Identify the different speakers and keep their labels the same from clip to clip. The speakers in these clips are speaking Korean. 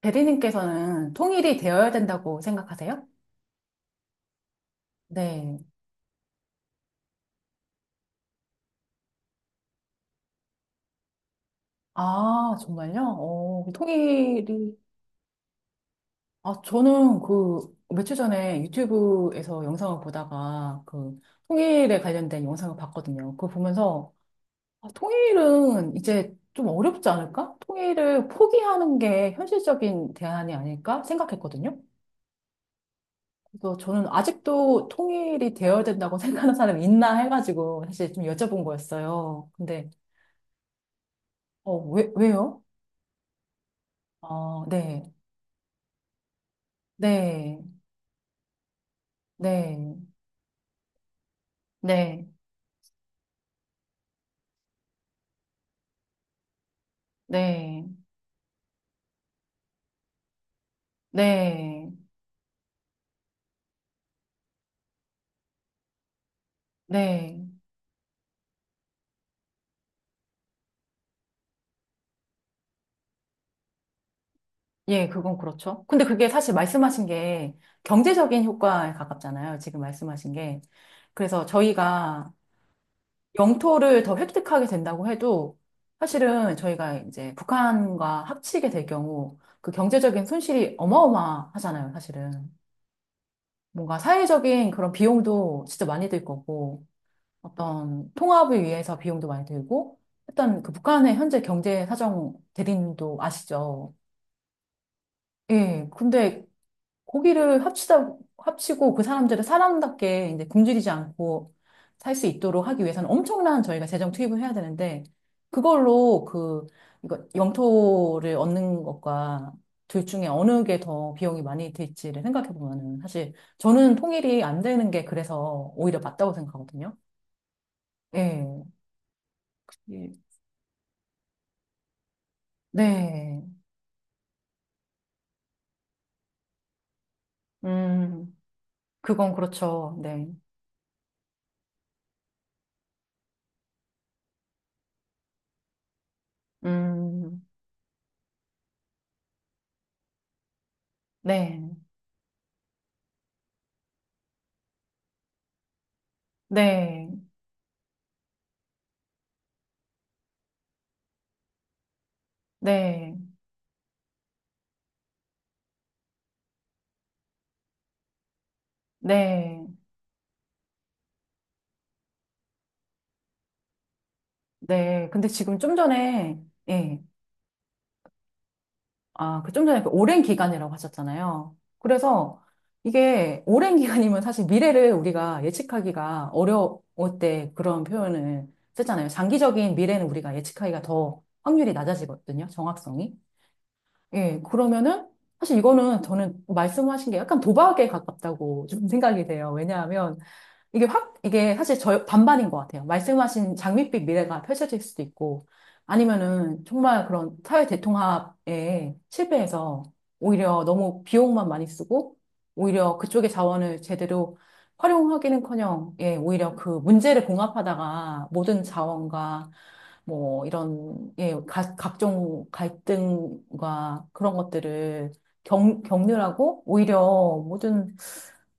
Speaker 1: 대리님께서는 통일이 되어야 된다고 생각하세요? 네. 아, 정말요? 그 통일이. 아, 저는 그, 며칠 전에 유튜브에서 영상을 보다가 그, 통일에 관련된 영상을 봤거든요. 그거 보면서, 아, 통일은 이제 좀 어렵지 않을까? 통일을 포기하는 게 현실적인 대안이 아닐까 생각했거든요. 그래서 저는 아직도 통일이 되어야 된다고 생각하는 사람이 있나 해가지고 사실 좀 여쭤본 거였어요. 근데, 왜요? 어, 네, 네, 네, 네, 네, 네, 네. 예, 그건 그렇죠. 근데 그게 사실 말씀하신 게 경제적인 효과에 가깝잖아요. 지금 말씀하신 게. 그래서 저희가 영토를 더 획득하게 된다고 해도 사실은 저희가 이제 북한과 합치게 될 경우 그 경제적인 손실이 어마어마하잖아요, 사실은. 뭔가 사회적인 그런 비용도 진짜 많이 들 거고. 어떤 통합을 위해서 비용도 많이 들고, 일단 그 북한의 현재 경제 사정 대립도 아시죠? 예, 근데 고기를 합치다, 합치고 그 사람들을 사람답게 이제 굶주리지 않고 살 수 있도록 하기 위해서는 엄청난 저희가 재정 투입을 해야 되는데, 그걸로 그, 이거 영토를 얻는 것과 둘 중에 어느 게 더 비용이 많이 들지를 생각해 보면은 사실 저는 통일이 안 되는 게 그래서 오히려 맞다고 생각하거든요. 예. 네. 음, 그건 그렇죠. 네. 음, 네. 네. 네. 네. 네. 근데 지금 좀 전에, 예. 아, 그 좀 전에 그 오랜 기간이라고 하셨잖아요. 그래서 이게 오랜 기간이면 사실 미래를 우리가 예측하기가 어려울 때 그런 표현을 썼잖아요. 장기적인 미래는 우리가 예측하기가 더 확률이 낮아지거든요. 정확성이. 예, 그러면은, 사실 이거는 저는 말씀하신 게 약간 도박에 가깝다고 좀 생각이 돼요. 왜냐하면, 이게 사실 저 반반인 것 같아요. 말씀하신 장밋빛 미래가 펼쳐질 수도 있고, 아니면은 정말 그런 사회 대통합에 실패해서 오히려 너무 비용만 많이 쓰고, 오히려 그쪽의 자원을 제대로 활용하기는커녕, 예, 오히려 그 문제를 봉합하다가 모든 자원과 뭐 이런, 예, 각종 갈등과 그런 것들을 겪느라고 오히려 모든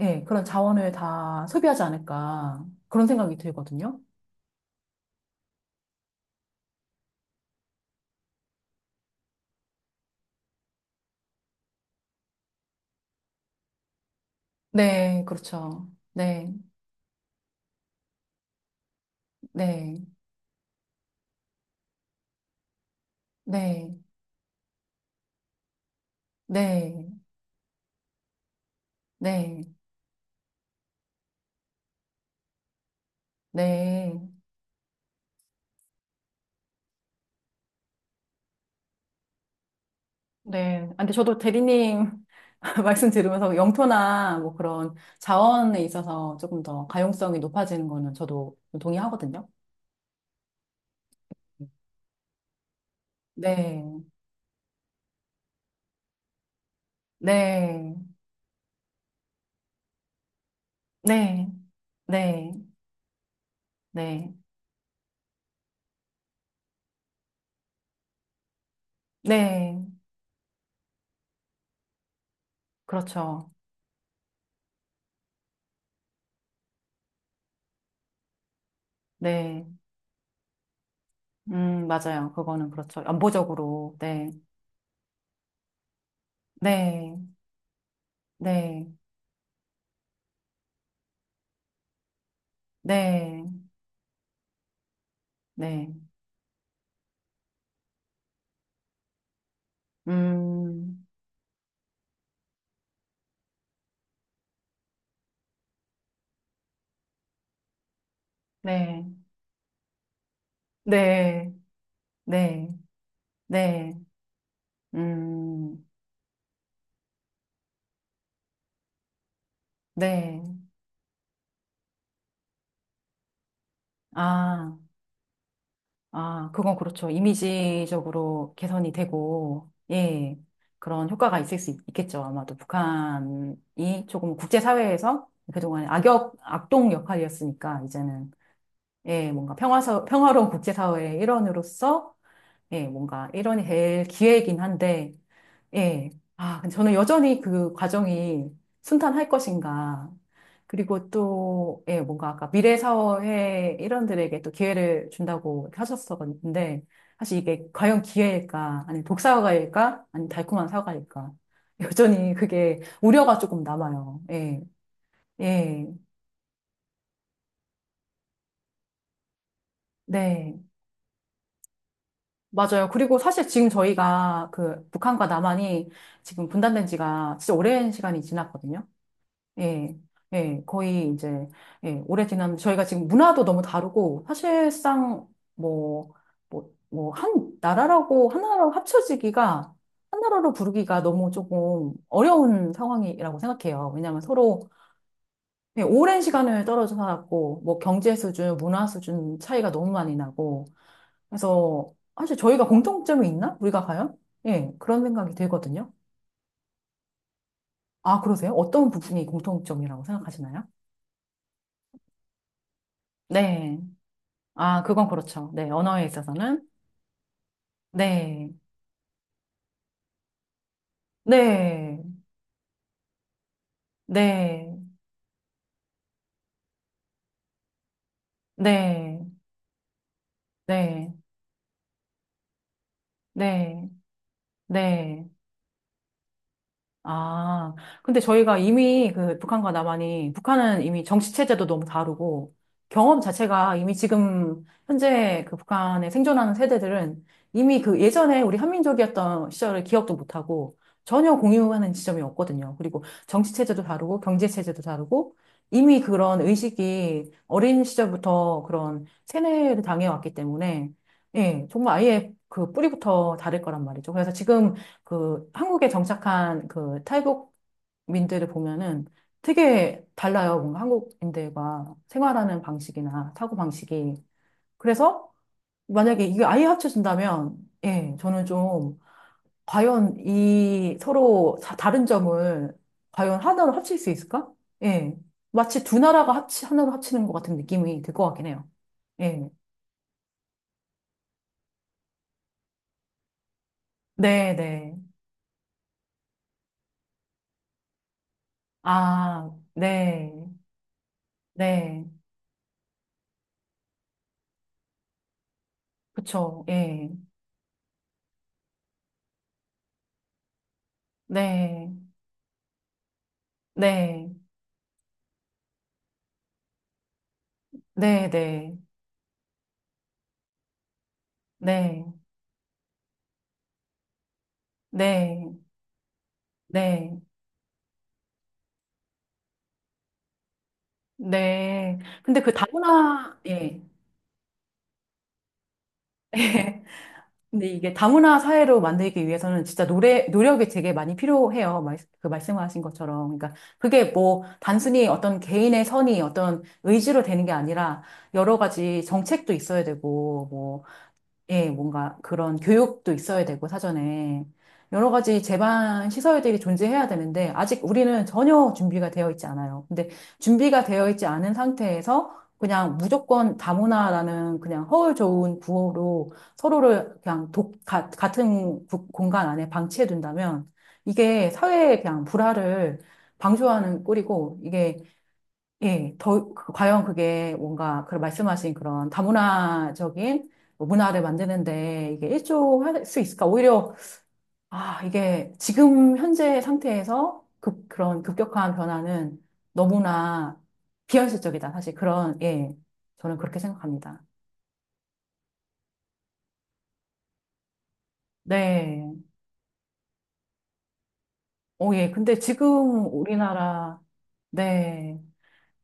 Speaker 1: 예, 그런 자원을 다 소비하지 않을까. 그런 생각이 들거든요. 네, 그렇죠. 네, 네, 네, 네, 네, 네, 네. 아, 근데 저도 대리님 말씀 들으면서 영토나 뭐 그런 자원에 있어서 조금 더 가용성이 높아지는 거는 저도 동의하거든요. 네, 네, 네, 네, 네, 네, 그렇죠. 네, 맞아요. 그거는 그렇죠. 안보적으로, 네. 네, 네, 네, 네, 음, 네, 네, 네, 네, 음, 네. 아, 아, 그건 그렇죠. 이미지적으로 개선이 되고, 예, 그런 효과가 있겠죠. 아마도 북한이 조금 국제사회에서 그동안 악역, 악동 역할이었으니까, 이제는, 예, 뭔가 평화로운 국제사회의 일원으로서, 예, 뭔가 일원이 될 기회이긴 한데, 예. 아, 근데 저는 여전히 그 과정이 순탄할 것인가. 그리고 또, 예, 뭔가 아까 미래 사회 일원들에게 또 기회를 준다고 이렇게 하셨었는데, 사실 이게 과연 기회일까? 아니, 독사과일까? 아니, 달콤한 사과일까? 여전히 그게 우려가 조금 남아요. 예, 예, 네. 맞아요. 그리고 사실 지금 저희가 그 북한과 남한이 지금 분단된 지가 진짜 오랜 시간이 지났거든요. 예, 예, 거의 이제, 예, 오래 지난, 저희가 지금 문화도 너무 다르고, 사실상 뭐, 뭐, 한 나라라고, 하나로 합쳐지기가, 한 나라로 부르기가 너무 조금 어려운 상황이라고 생각해요. 왜냐하면 서로 예, 오랜 시간을 떨어져 살았고, 뭐, 경제 수준, 문화 수준 차이가 너무 많이 나고, 그래서, 사실 저희가 공통점이 있나? 우리가 과연? 예, 그런 생각이 들거든요. 아, 그러세요? 어떤 부분이 공통점이라고 생각하시나요? 네. 아, 그건 그렇죠. 네, 언어에 있어서는. 네, 네, 네, 네, 네, 네, 네. 아, 근데 저희가 이미 그 북한과 남한이, 북한은 이미 정치체제도 너무 다르고, 경험 자체가 이미 지금 현재 그 북한에 생존하는 세대들은 이미 그 예전에 우리 한민족이었던 시절을 기억도 못하고, 전혀 공유하는 지점이 없거든요. 그리고 정치체제도 다르고, 경제체제도 다르고, 이미 그런 의식이 어린 시절부터 그런 세뇌를 당해왔기 때문에, 예, 정말 아예 그 뿌리부터 다를 거란 말이죠. 그래서 지금 그 한국에 정착한 그 탈북민들을 보면은 되게 달라요. 뭔가 한국인들과 생활하는 방식이나 사고 방식이. 그래서 만약에 이게 아예 합쳐진다면, 예, 저는 좀 과연 이 서로 다른 점을 과연 하나로 합칠 수 있을까? 예. 마치 두 나라가 하나로 합치는 것 같은 느낌이 들 것 같긴 해요. 예. 네, 네. 아, 네. 네. 그쵸. 예. 네. 네, 네, 네, 네, 네, 네, 네. 근데 그 다문화, 예. 근데 이게 다문화 사회로 만들기 위해서는 진짜 노력이 되게 많이 필요해요. 그 말씀하신 것처럼. 그러니까 그게 뭐 단순히 어떤 개인의 선이 어떤 의지로 되는 게 아니라 여러 가지 정책도 있어야 되고 뭐 예, 뭔가 그런 교육도 있어야 되고, 사전에. 여러 가지 제반 시설들이 존재해야 되는데, 아직 우리는 전혀 준비가 되어 있지 않아요. 근데 준비가 되어 있지 않은 상태에서 그냥 무조건 다문화라는 그냥 허울 좋은 구호로 서로를 그냥 같은 공간 안에 방치해 둔다면, 이게 사회의 그냥 불화를 방조하는 꼴이고, 이게 예, 더, 과연 그게 뭔가, 그 말씀하신 그런 다문화적인 뭐 문화를 만드는데 이게 일조할 수 있을까? 오히려, 아, 이게 지금 현재 상태에서 그런 급격한 변화는 너무나 비현실적이다. 사실 그런, 예, 저는 그렇게 생각합니다. 네. 어, 예. 근데 지금 우리나라, 네.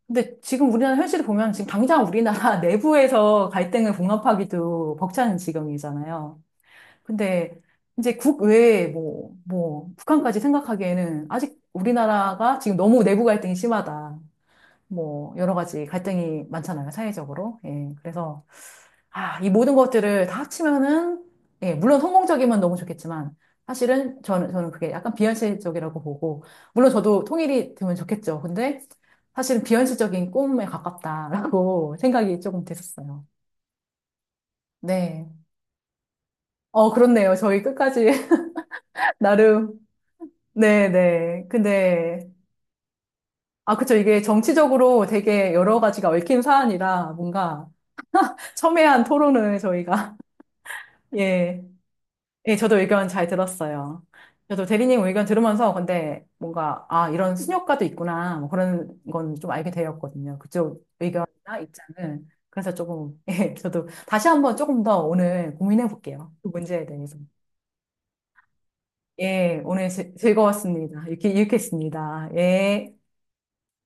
Speaker 1: 근데 지금 우리나라 현실을 보면 지금 당장 우리나라 내부에서 갈등을 봉합하기도 벅찬 지경이잖아요. 근데 이제 국외에 뭐, 북한까지 생각하기에는 아직 우리나라가 지금 너무 내부 갈등이 심하다. 뭐, 여러 가지 갈등이 많잖아요, 사회적으로. 예, 그래서, 아, 이 모든 것들을 다 합치면은, 예, 물론 성공적이면 너무 좋겠지만, 사실은 저는 그게 약간 비현실적이라고 보고, 물론 저도 통일이 되면 좋겠죠. 근데 사실은 비현실적인 꿈에 가깝다라고 생각이 조금 됐었어요. 네. 어, 그렇네요. 저희 끝까지 나름 네네. 근데, 아, 그쵸. 이게 정치적으로 되게 여러 가지가 얽힌 사안이라 뭔가 첨예한 토론을 저희가, 예. 예, 저도 의견 잘 들었어요. 저도 대리님 의견 들으면서 근데 뭔가, 아, 이런 순효과도 있구나. 뭐 그런 건 좀 알게 되었거든요. 그쪽 의견이나 입장을. 그래서 조금, 예, 저도 다시 한번 조금 더 오늘 고민해 볼게요. 그 문제에 대해서. 예, 오늘 즐거웠습니다. 이렇게 했습니다. 예.